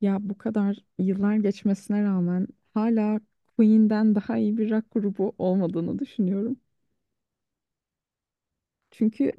Ya bu kadar yıllar geçmesine rağmen hala Queen'den daha iyi bir rock grubu olmadığını düşünüyorum. Çünkü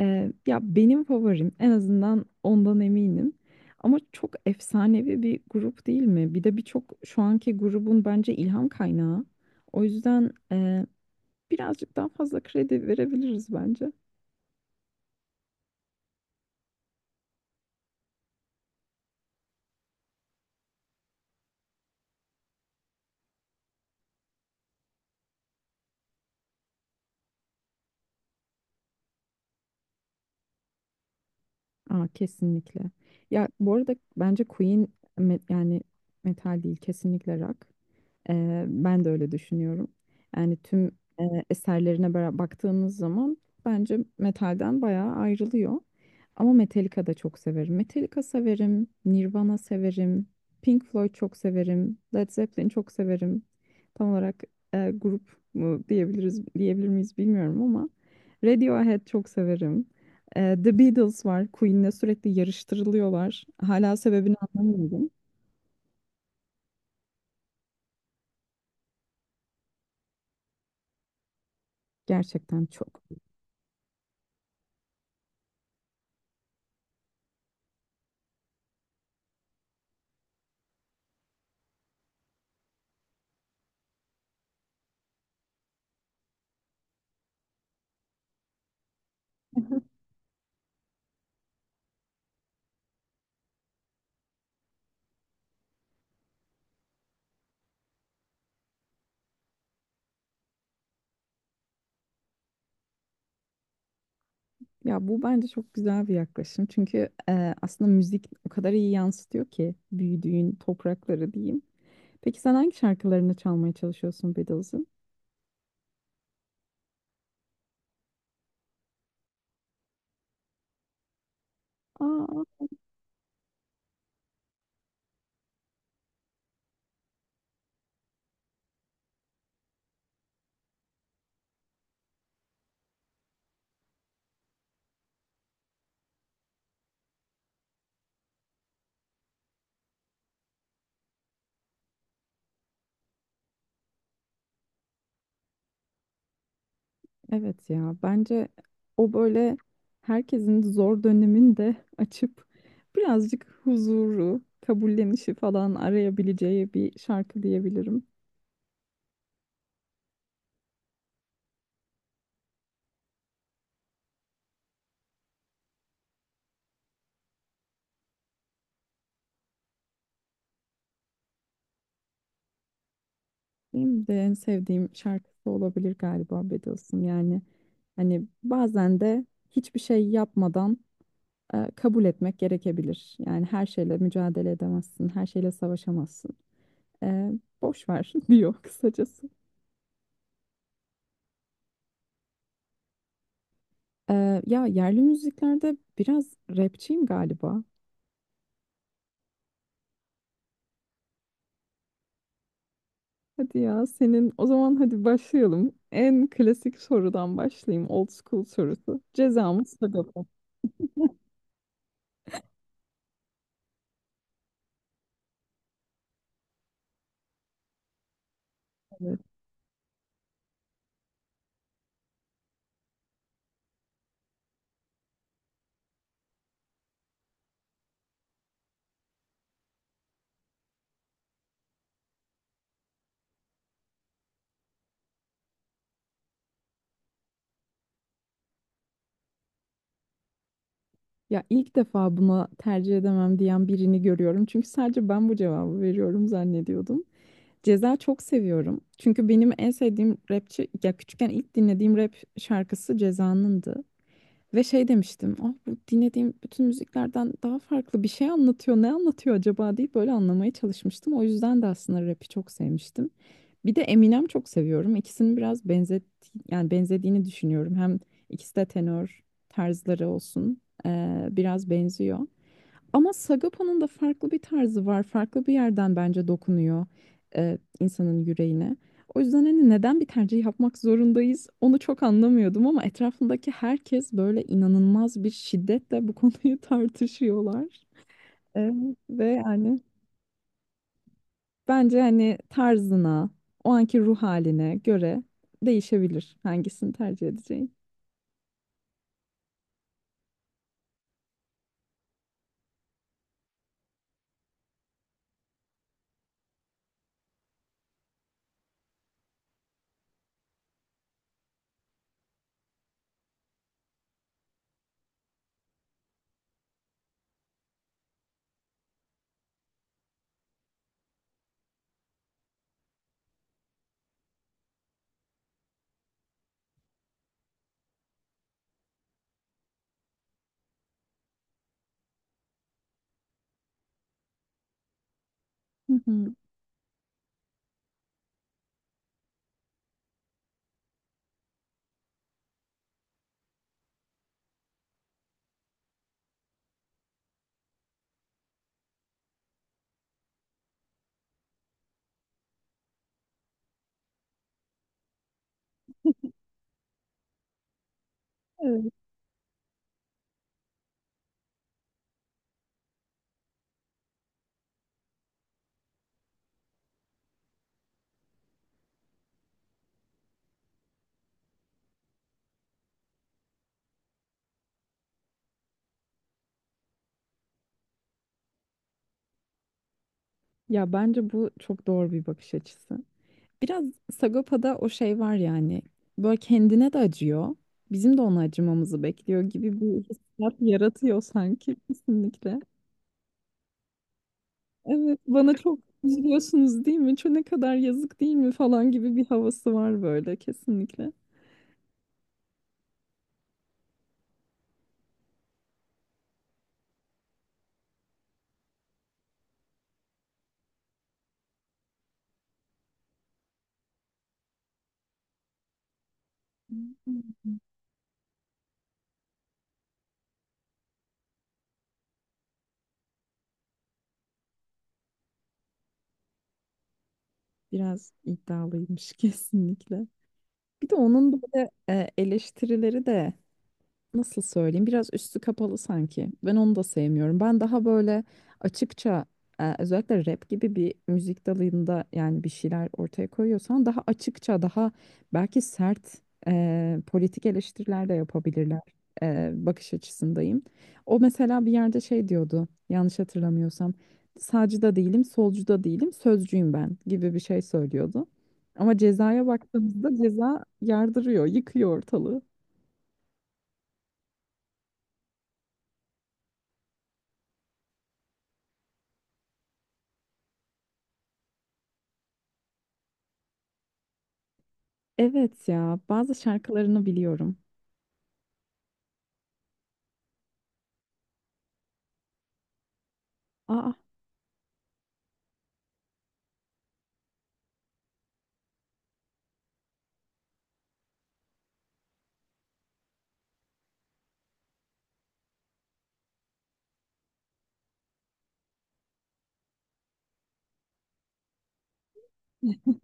ya benim favorim en azından ondan eminim. Ama çok efsanevi bir grup değil mi? Bir de birçok şu anki grubun bence ilham kaynağı. O yüzden birazcık daha fazla kredi verebiliriz bence. Aa, kesinlikle. Ya bu arada bence Queen yani metal değil kesinlikle rock. Ben de öyle düşünüyorum. Yani tüm eserlerine baktığımız zaman bence metalden bayağı ayrılıyor. Ama Metallica da çok severim. Metallica severim, Nirvana severim, Pink Floyd çok severim, Led Zeppelin çok severim. Tam olarak grup mu diyebilir miyiz bilmiyorum ama Radiohead çok severim. The Beatles var. Queen'le sürekli yarıştırılıyorlar. Hala sebebini anlamıyorum. Gerçekten çok Ya bu bence çok güzel bir yaklaşım. Çünkü aslında müzik o kadar iyi yansıtıyor ki büyüdüğün toprakları diyeyim. Peki sen hangi şarkılarını çalmaya çalışıyorsun Beatles'ın? Aa, evet ya bence o böyle herkesin zor döneminde açıp birazcık huzuru, kabullenişi falan arayabileceği bir şarkı diyebilirim. Benim de en sevdiğim şarkısı olabilir galiba Beatles'ın. Yani hani bazen de hiçbir şey yapmadan kabul etmek gerekebilir. Yani her şeyle mücadele edemezsin, her şeyle savaşamazsın. E, Boş ver diyor kısacası. Ya yerli müziklerde biraz rapçiyim galiba. Hadi ya senin o zaman hadi başlayalım. En klasik sorudan başlayayım. Old school sorusu. Ceza mı Sagopa mı? Evet. Ya ilk defa buna tercih edemem diyen birini görüyorum. Çünkü sadece ben bu cevabı veriyorum zannediyordum. Ceza çok seviyorum. Çünkü benim en sevdiğim rapçi ya küçükken ilk dinlediğim rap şarkısı Ceza'nındı. Ve şey demiştim. Ah bu dinlediğim bütün müziklerden daha farklı bir şey anlatıyor. Ne anlatıyor acaba deyip böyle anlamaya çalışmıştım. O yüzden de aslında rap'i çok sevmiştim. Bir de Eminem çok seviyorum. İkisinin biraz yani benzediğini düşünüyorum. Hem ikisi de tenör tarzları olsun. Biraz benziyor. Ama Sagopa'nın da farklı bir tarzı var. Farklı bir yerden bence dokunuyor insanın yüreğine. O yüzden hani neden bir tercih yapmak zorundayız onu çok anlamıyordum ama etrafındaki herkes böyle inanılmaz bir şiddetle bu konuyu tartışıyorlar. E, ve yani Bence hani tarzına, o anki ruh haline göre değişebilir hangisini tercih edeceğin. Hı hı. Evet. Ya bence bu çok doğru bir bakış açısı. Biraz Sagopa'da o şey var yani. Böyle kendine de acıyor. Bizim de ona acımamızı bekliyor gibi bir hissiyat yaratıyor sanki kesinlikle. Evet, bana çok üzülüyorsunuz değil mi? Çok ne kadar yazık değil mi falan gibi bir havası var böyle kesinlikle. Hmm. Biraz iddialıymış kesinlikle. Bir de onun böyle eleştirileri de nasıl söyleyeyim biraz üstü kapalı sanki. Ben onu da sevmiyorum. Ben daha böyle açıkça özellikle rap gibi bir müzik dalında yani bir şeyler ortaya koyuyorsan daha açıkça daha belki sert politik eleştiriler de yapabilirler bakış açısındayım. O mesela bir yerde şey diyordu yanlış hatırlamıyorsam sağcı da değilim solcu da değilim sözcüyüm ben gibi bir şey söylüyordu. Ama cezaya baktığımızda ceza yardırıyor, yıkıyor ortalığı. Evet ya bazı şarkılarını biliyorum. Aa, neden?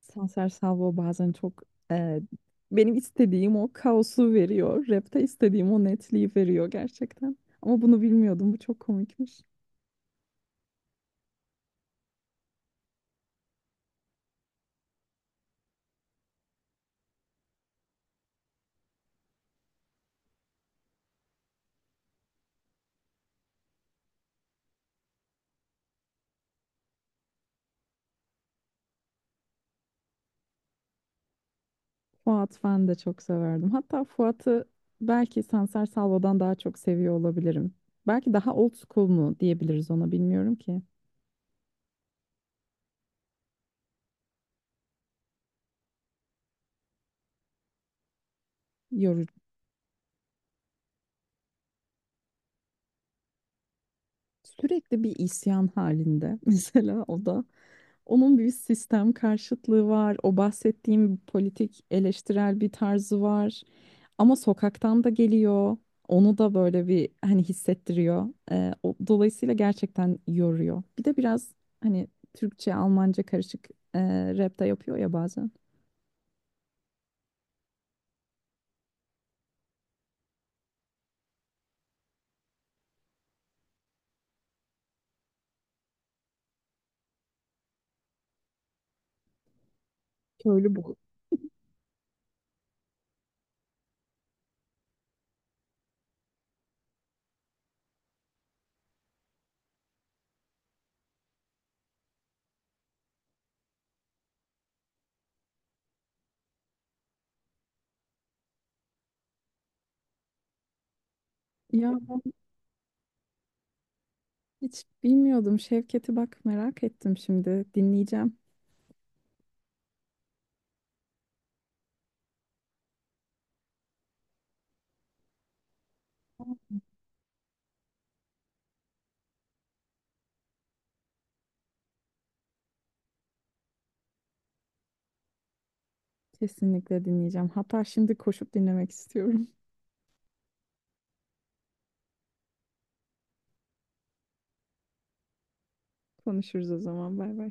Sanser Salvo bazen çok e, benim istediğim o kaosu veriyor. Rap'te istediğim o netliği veriyor gerçekten. Ama bunu bilmiyordum. Bu çok komikmiş. Fuat ben de çok severdim. Hatta Fuat'ı belki Sanser Salvo'dan daha çok seviyor olabilirim. Belki daha old school mu diyebiliriz ona bilmiyorum ki. Yorucu. Sürekli bir isyan halinde mesela o da. Onun bir sistem karşıtlığı var. O bahsettiğim politik eleştirel bir tarzı var. Ama sokaktan da geliyor. Onu da böyle bir hani hissettiriyor. O, dolayısıyla gerçekten yoruyor. Bir de biraz hani Türkçe, Almanca karışık e, rap de yapıyor ya bazen. Köylü bu. Ya ben hiç bilmiyordum Şevket'i bak merak ettim şimdi. Dinleyeceğim. Kesinlikle dinleyeceğim. Hatta şimdi koşup dinlemek istiyorum. Konuşuruz o zaman. Bay bay.